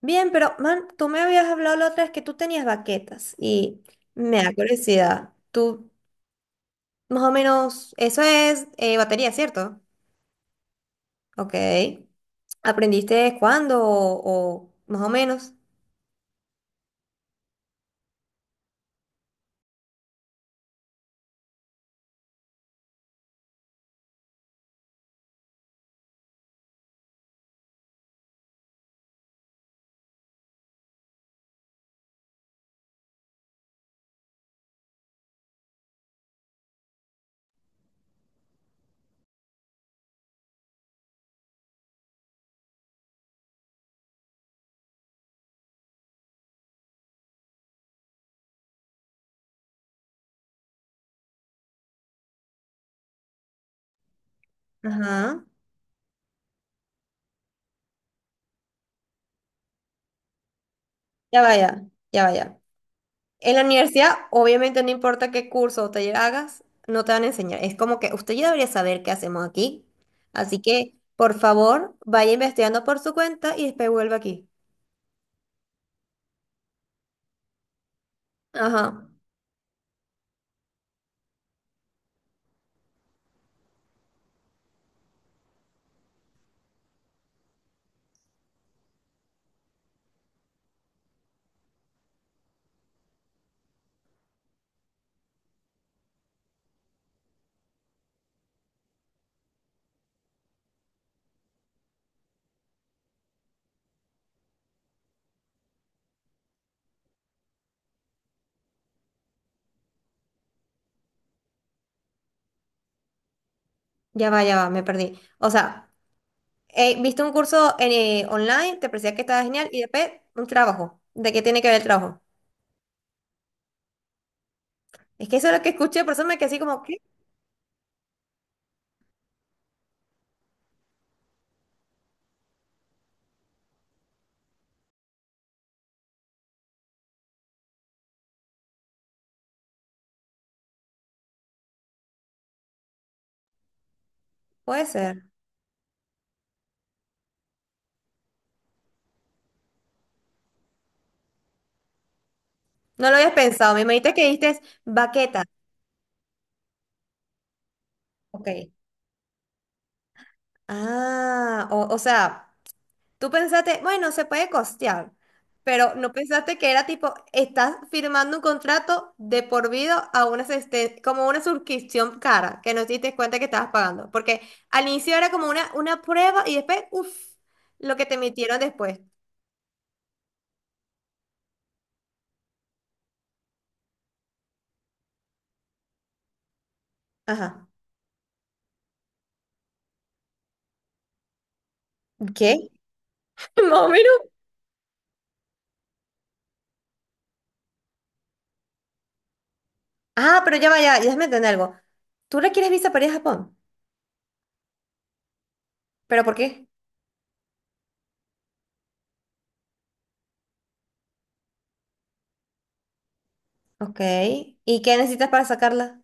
Bien, pero man, tú me habías hablado la otra vez que tú tenías baquetas y me da curiosidad. Tú, más o menos, eso es batería, ¿cierto? Ok. ¿Aprendiste cuándo o más o menos? Ajá. Ya vaya, ya vaya. En la universidad, obviamente, no importa qué curso o taller hagas, no te van a enseñar. Es como que usted ya debería saber qué hacemos aquí. Así que, por favor, vaya investigando por su cuenta y después vuelva aquí. Ajá. Ya va, me perdí. O sea. Viste un curso en, online, te parecía que estaba genial, y después un trabajo. ¿De qué tiene que ver el trabajo? Es que eso es lo que escuché, por eso me quedé así como, ¿qué? Puede ser. No lo habías pensado. Me dijiste que diste baqueta. Ok. Ah, o sea. Tú pensaste, bueno, se puede costear, pero no pensaste que era tipo, estás firmando un contrato de por vida a una asisten- como una suscripción cara, que no te diste cuenta que estabas pagando. Porque al inicio era como una prueba y después, uff, lo que te emitieron después. Ajá. ¿Qué? Más o menos. Ah, pero ya vaya, ya déjame entender algo. ¿Tú requieres visa para ir a Japón? ¿Pero por qué? Ok. ¿Y qué necesitas para sacarla?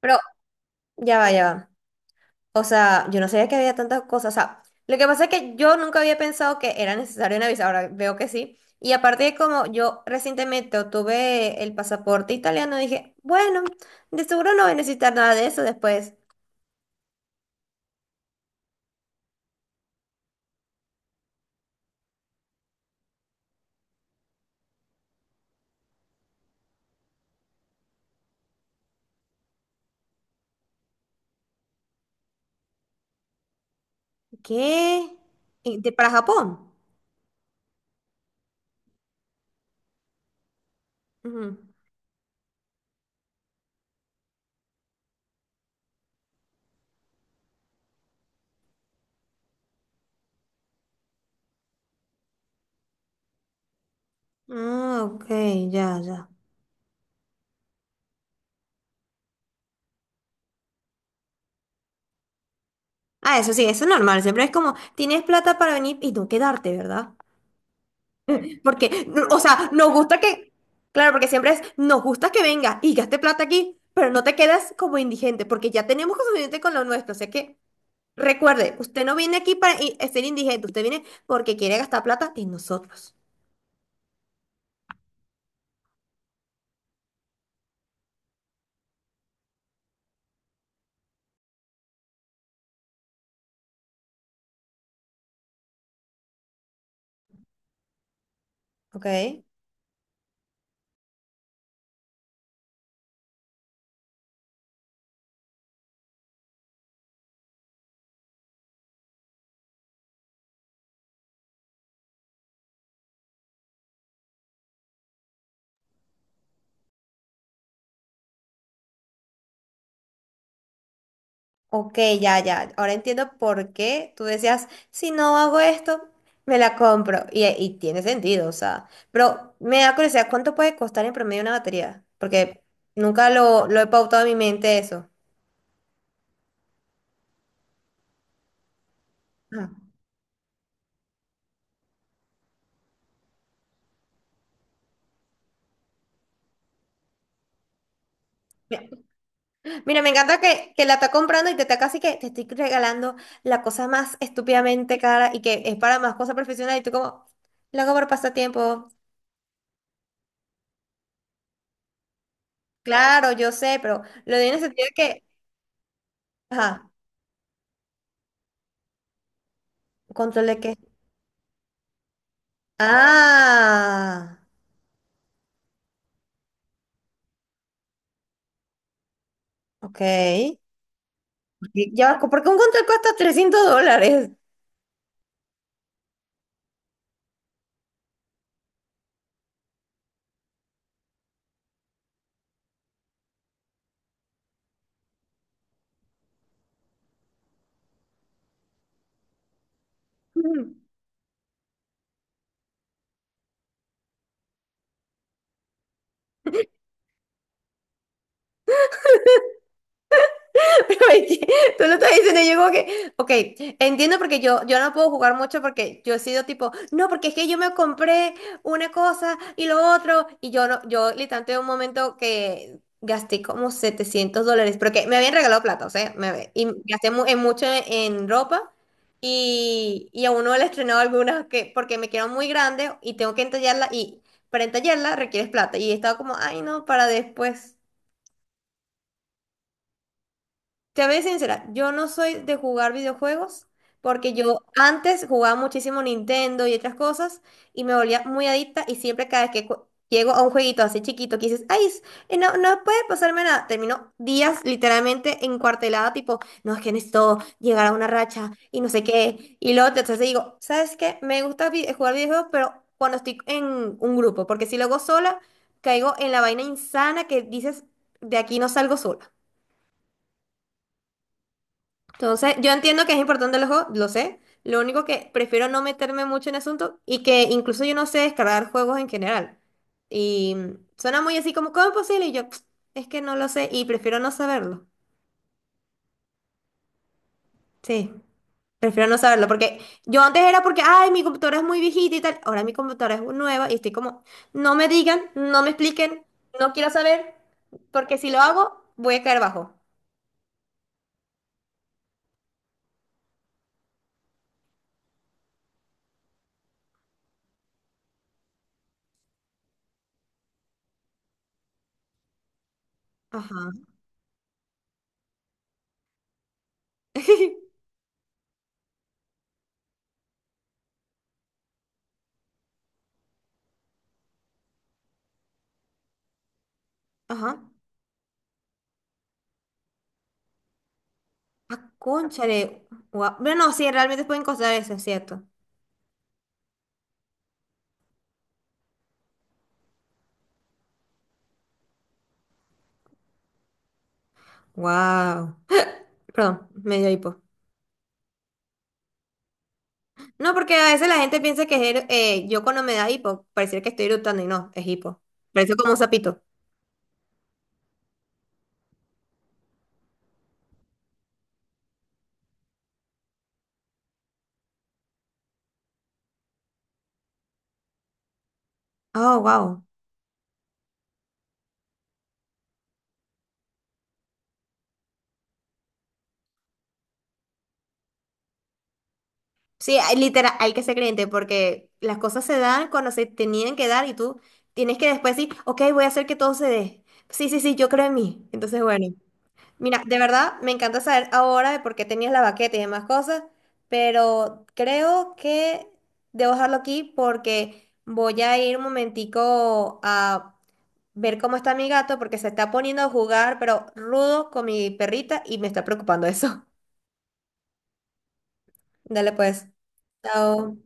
Pero ya va, ya va. O sea, yo no sabía que había tantas cosas. O sea, lo que pasa es que yo nunca había pensado que era necesario una visa. Ahora veo que sí. Y aparte de como yo recientemente obtuve el pasaporte italiano, dije, bueno, de seguro no voy a necesitar nada de eso después. ¿Qué? ¿Y de- para Japón? Ujú. Ah, ok, ya, ya. Ah, eso sí, eso es normal. Siempre es como, tienes plata para venir y no quedarte, ¿verdad? Porque, no, o sea, nos gusta que, claro, porque siempre es, nos gusta que vengas y gaste plata aquí, pero no te quedas como indigente, porque ya tenemos suficiente con lo nuestro. O sea que, recuerde, usted no viene aquí para i- ser indigente, usted viene porque quiere gastar plata en nosotros. Ok, ok, ya, ya. Ahora entiendo por qué tú decías, si no hago esto, me la compro. Y tiene sentido, o sea. Pero me da curiosidad, ¿cuánto puede costar en promedio una batería? Porque nunca lo he pautado en mi mente eso. Ah. Mira, me encanta que la está comprando y te está casi que te estoy regalando la cosa más estúpidamente cara y que es para más cosas profesionales y tú como, lo hago por pasatiempo. Claro, yo sé, pero lo digo en el sentido de que, ajá, control de qué. Ah, ok. Ok, ya, ¿por qué un control cuesta $300? Pero es que tú lo estás diciendo, y yo como que, ok, entiendo porque yo no puedo jugar mucho porque yo he sido tipo, no, porque es que yo me compré una cosa y lo otro, y yo no, yo literalmente un momento que gasté como $700, porque me habían regalado plata, o sea, me, y gasté mu- en mucho en ropa, y a uno le he estrenado algunas que, porque me quedan muy grandes y tengo que entallarla, y para entallarla requieres plata, y estaba como, ay no, para después. Te voy a ser sincera, yo no soy de jugar videojuegos porque yo antes jugaba muchísimo Nintendo y otras cosas y me volvía muy adicta y siempre cada vez que cu- llego a un jueguito así chiquito que dices, ay, s- no, puede pasarme nada, termino días literalmente encuartelada tipo, no, es que necesito llegar a una racha y no sé qué. Y luego te- entonces digo, ¿sabes qué? Me gusta vi- jugar videojuegos, pero cuando estoy en un grupo, porque si lo hago sola, caigo en la vaina insana que dices, de aquí no salgo sola. Entonces, yo entiendo que es importante los juegos, lo sé. Lo único que prefiero no meterme mucho en el asunto y que incluso yo no sé descargar juegos en general. Y suena muy así como, ¿cómo es posible? Y yo, "Ps, es que no lo sé y prefiero no saberlo. Sí, prefiero no saberlo porque yo antes era porque, ay, mi computadora es muy viejita y tal. Ahora mi computadora es nueva y estoy como, no me digan, no me expliquen, no quiero saber, porque si lo hago, voy a caer bajo. Ajá. Ajá. Ah, cónchale. Guau. Bueno, no, sí, realmente pueden costar eso, es cierto. Wow. Perdón, me dio hipo. No, porque a veces la gente piensa que es, yo cuando me da hipo, pareciera que estoy eructando y no, es hipo. Parece como un sapito. Oh, wow. Sí, hay- literal, hay que ser creyente porque las cosas se dan cuando se tenían que dar y tú tienes que después decir, ok, voy a hacer que todo se dé. Sí, sí, sí, yo creo en mí. Entonces, bueno. Mira, de verdad me encanta saber ahora de por qué tenías la baqueta y demás cosas, pero creo que debo dejarlo aquí porque voy a ir un momentico a ver cómo está mi gato porque se está poniendo a jugar, pero rudo con mi perrita y me está preocupando eso. Dale pues. Chao.